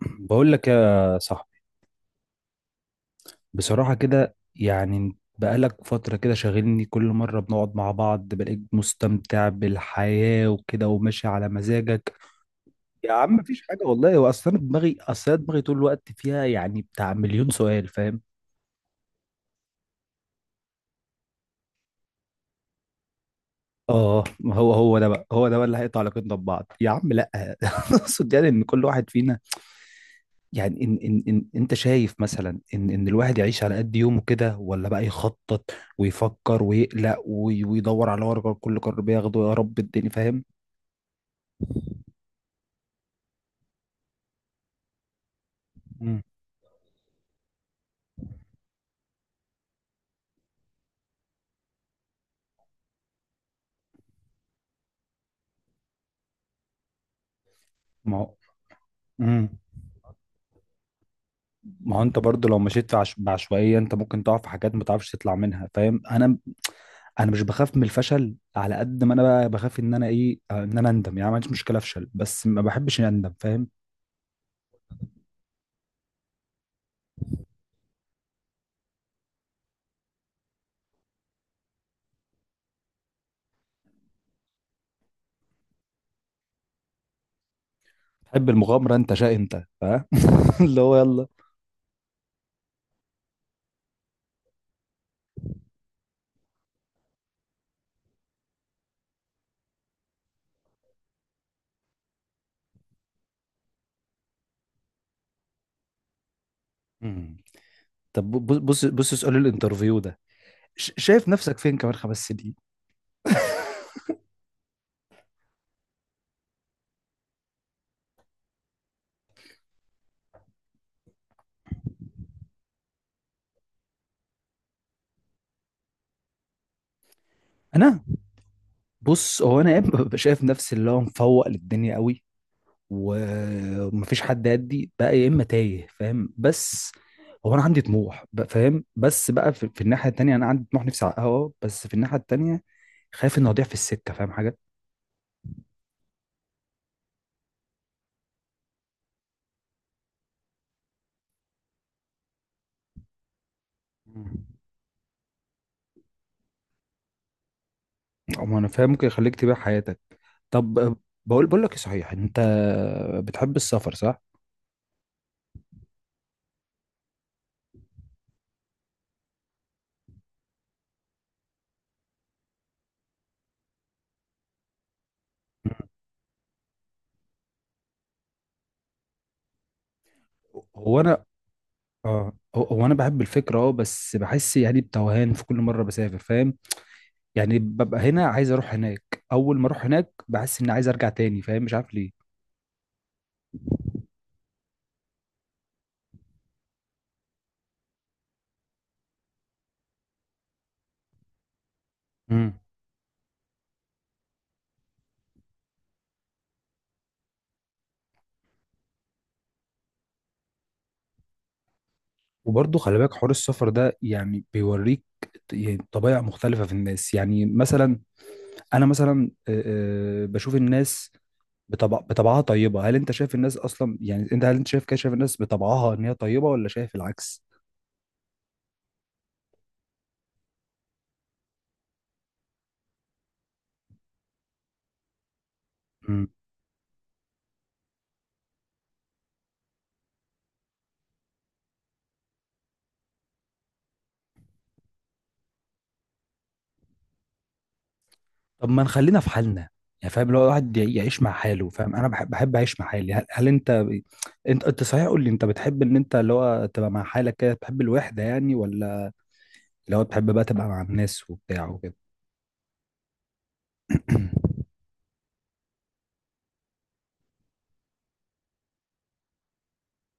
بقول لك يا صاحبي، بصراحة كده يعني بقالك فترة كده شاغلني. كل مرة بنقعد مع بعض بلاقيك مستمتع بالحياة وكده وماشي على مزاجك. يا عم مفيش حاجة والله. هو أصلا دماغي طول الوقت فيها يعني بتاع مليون سؤال، فاهم؟ اه، ما هو هو ده بقى اللي هيقطع علاقتنا ببعض يا عم، لا. اقصد يعني ان كل واحد فينا، يعني إن أنت شايف مثلا إن الواحد يعيش على قد يومه كده ولا بقى يخطط ويفكر ويقلق ويدور على ورقة كل قرار بياخده، يا رب الدنيا، فاهم؟ مم. ما هو مم. ما هو أنت برضه لو مشيت في بعشوائية، أنت ممكن تقع في حاجات ما تعرفش تطلع منها، فاهم؟ أنا مش بخاف من الفشل على قد ما أنا بقى بخاف إن أنا إيه آه، إن أنا أندم. يعني ما عنديش مشكلة أفشل بس ما بحبش إني أندم، فاهم؟ بحب المغامرة. أنت شاء أنت فاهم؟ اللي هو يلا. مم. طب بص سؤال الانترفيو ده، شايف نفسك فين كمان خمس سنين؟ انا، بص، هو انا يا اما ببقى شايف نفسي اللي هو مفوق للدنيا قوي و- ومفيش حد يدي بقى، يا اما تايه، فاهم؟ بس هو انا عندي طموح بقى، فاهم؟ بس بقى في الناحيه التانيه انا عندي طموح نفسي احققه، آه، بس في الناحيه التانيه خايف اني اضيع في السكه، فاهم حاجه؟ مم. أما انا فاهم، ممكن يخليك تبيع حياتك. طب أه، بقول لك ايه، صحيح انت بتحب السفر، صح؟ هو انا، اه، هو انا بحب الفكره اه، بس بحس يعني بتوهان في كل مره بسافر، فاهم؟ يعني ببقى هنا عايز اروح هناك، اول ما اروح هناك بحس اني عايز ارجع تاني، فاهم؟ مش عارف ليه. امم. وبرضه خلي بالك حوار السفر ده يعني بيوريك يعني طبائع مختلفة في الناس. يعني مثلا أنا مثلا، آه، آه، بشوف الناس بطبعها طيبة. هل أنت شايف الناس أصلا، يعني أنت هل أنت شايف كده، شايف الناس بطبعها إن هي طيبة ولا شايف العكس؟ طب ما نخلينا في حالنا، يعني فاهم؟ لو الواحد يعيش مع حاله، فاهم؟ انا بحب اعيش مع حالي. هل انت صحيح قول لي، انت بتحب ان انت اللي هو تبقى مع حالك كده، تحب الوحده يعني، ولا اللي هو تحب بقى تبقى مع الناس وبتاع وكده؟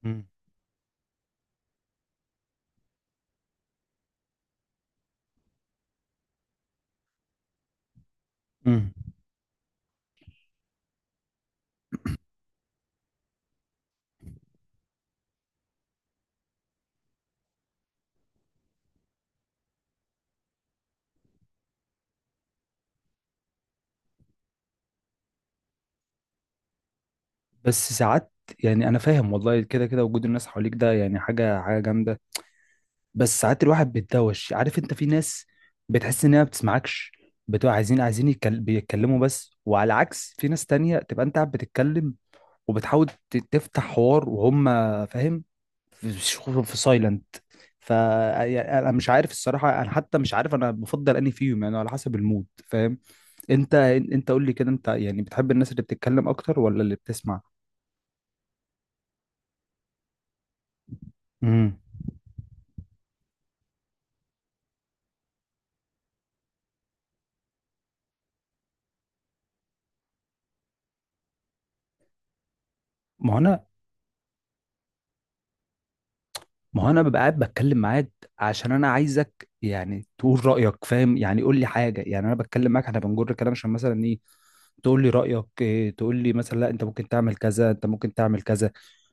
مم. مم. بس ساعات، يعني انا فاهم والله، كده كده وجود الناس حواليك ده يعني حاجه حاجه جامده. بس ساعات الواحد بيتدوش. عارف انت في ناس بتحس انها ما بتسمعكش، بتبقى بيتكلموا بس. وعلى عكس في ناس تانية تبقى انت قاعد بتتكلم وبتحاول تفتح حوار وهم فاهم في في سايلنت. ف يعني انا مش عارف الصراحه، انا حتى مش عارف انا بفضل انهي فيهم، يعني على حسب المود، فاهم؟ انت قول لي كده، انت يعني بتحب الناس اللي بتتكلم اكتر ولا اللي بتسمع؟ امم. ما هو انا ما هو انا ببقى قاعد بتكلم معاك عشان انا عايزك يعني تقول رايك، فاهم؟ يعني قول لي حاجه يعني، انا بتكلم معاك احنا بنجر كلام عشان مثلا، إيه، تقول لي رأيك إيه، تقول لي مثلا لا انت ممكن تعمل كذا، انت ممكن تعمل كذا.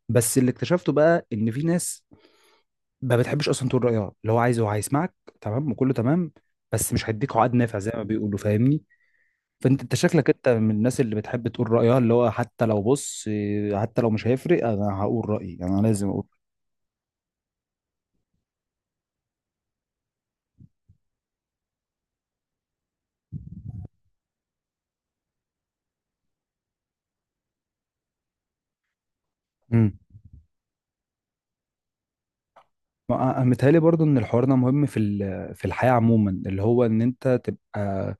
بس اللي اكتشفته بقى ان في ناس ما بتحبش اصلا تقول رأيها، اللي هو عايز هو هيسمعك، تمام، وكله تمام، بس مش هيديك عقد نافع زي ما بيقولوا، فاهمني؟ فانت شكلك انت من الناس اللي بتحب تقول رأيها، اللي هو حتى لو، بص، إيه، حتى لو مش هيفرق انا هقول رأيي، انا لازم اقول. امم. متهيألي برضو ان الحوار ده مهم في الحياة عموما، اللي هو ان انت تبقى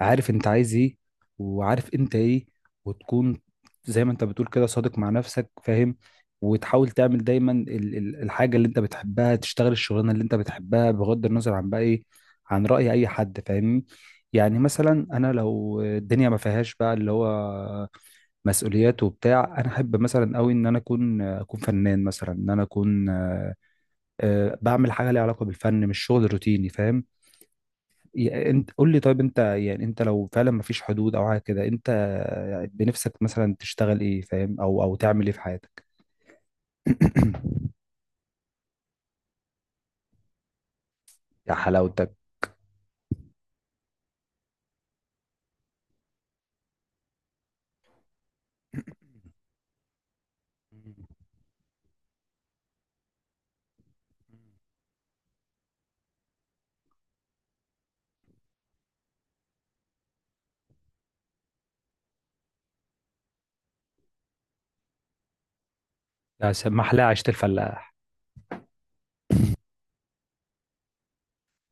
عارف انت عايز ايه، وعارف انت ايه، وتكون زي ما انت بتقول كده صادق مع نفسك، فاهم؟ وتحاول تعمل دايما الحاجة اللي انت بتحبها، تشتغل الشغلانة اللي انت بتحبها بغض النظر عن بقى ايه، عن رأي اي حد، فاهمني؟ يعني مثلا انا لو الدنيا ما فيهاش بقى اللي هو مسؤوليات وبتاع، انا احب مثلا قوي ان انا اكون فنان مثلا، ان انا اكون، آه، آه، بعمل حاجة ليها علاقة بالفن، مش شغل روتيني، فاهم؟ انت قول لي طيب، انت يعني انت لو فعلا مفيش حدود او حاجه كده، انت بنفسك مثلا تشتغل ايه، فاهم؟ او تعمل ايه في حياتك؟ يا حلاوتك. يا محلاها عيشه الفلاح.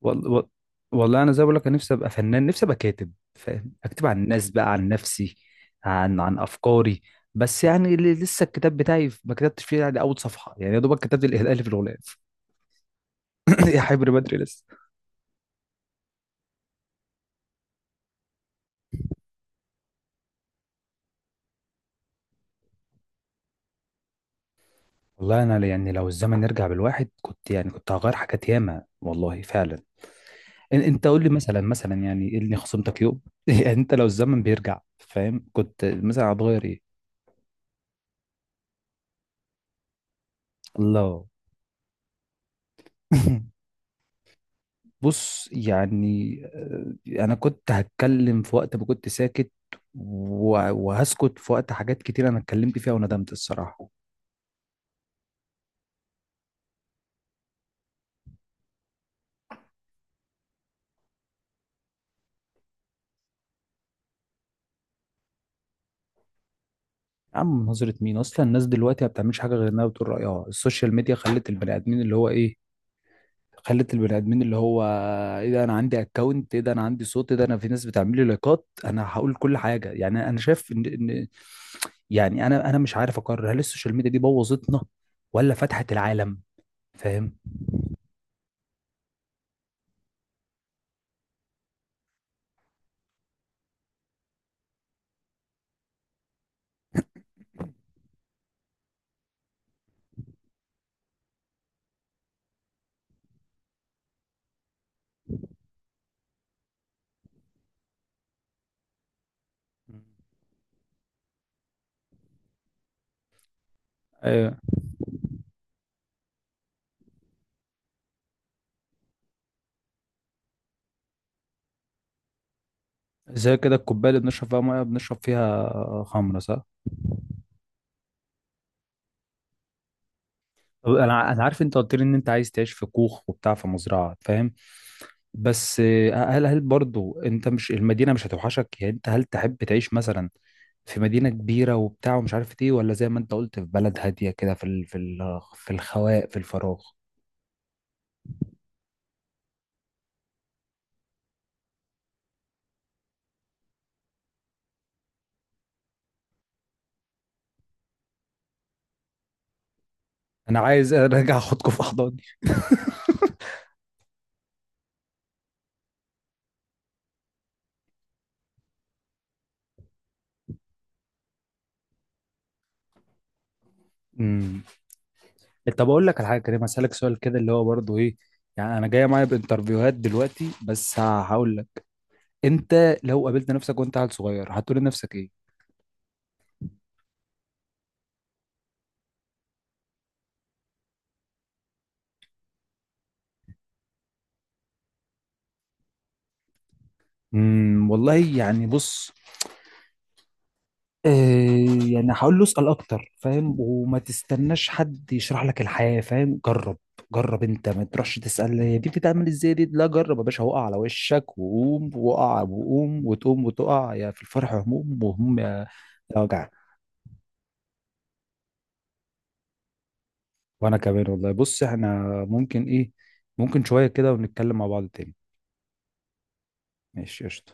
وال... وال... والله انا زي ما بقول لك، انا نفسي ابقى فنان، نفسي ابقى كاتب، فاهم؟ اكتب عن الناس بقى، عن نفسي، عن افكاري. بس يعني لسه الكتاب بتاعي ما كتبتش فيه يعني اول صفحه، يعني يا دوبك كتبت الاهداف اللي في الغلاف. يا حبر بدري. والله انا يعني لو الزمن يرجع بالواحد كنت يعني كنت هغير حاجات ياما، والله فعلا. انت قول لي مثلا، يعني إيه اللي خصمتك يوم؟ يعني انت لو الزمن بيرجع، فاهم؟ كنت مثلا هتغير ايه؟ الله. بص يعني، آه، انا كنت هتكلم في وقت ما كنت ساكت، وهسكت في وقت حاجات كتير انا اتكلمت فيها وندمت، الصراحه. يا عم نظرة مين اصلا! الناس دلوقتي ما بتعملش حاجه غير انها بتقول رايها. السوشيال ميديا خلت البني ادمين اللي هو ايه، خلت البني ادمين اللي هو ايه ده انا عندي اكونت، ايه ده انا عندي صوت، ايه ده انا في ناس بتعمل لي لايكات انا هقول كل حاجه. يعني انا شايف ان يعني انا مش عارف اقرر، هل السوشيال ميديا دي بوظتنا ولا فتحت العالم، فاهم؟ ايوه، زي كده الكوبايه اللي بنشرب فيها ميه بنشرب فيها خمره، صح؟ طب انا عارف انت قلت لي ان انت عايز تعيش في كوخ وبتاع في مزرعه، فاهم؟ بس آه، هل برضو انت مش، المدينة مش هتوحشك؟ يعني انت هل تحب تعيش مثلا في مدينة كبيرة وبتاع ومش عارف ايه، ولا زي ما انت قلت في بلد هادية كده في الخواء في الفراغ؟ انا عايز ارجع اخدكم في احضاني. امم. طب اقول لك على حاجة كريم، هسألك سؤال كده اللي هو برضو ايه، يعني انا جاية معايا بانترفيوهات دلوقتي. بس هقول لك، انت لو قابلت نفسك وانت عيل صغير، هتقول لنفسك ايه؟ امم. والله يعني بص، آه، يعني هقول له اسأل أكتر، فاهم؟ وما تستناش حد يشرح لك الحياة، فاهم؟ جرب. جرب أنت، ما تروحش تسأل هي دي بتتعمل إزاي، دي لا. جرب يا باشا، وقع على وشك وقوم، وقع وقوم، وتقوم وتقع، يا في الفرح هموم وهموم، يا يا وجع. وأنا كمان والله، بص إحنا ممكن إيه، ممكن شوية كده ونتكلم مع بعض تاني. ماشي، قشطة.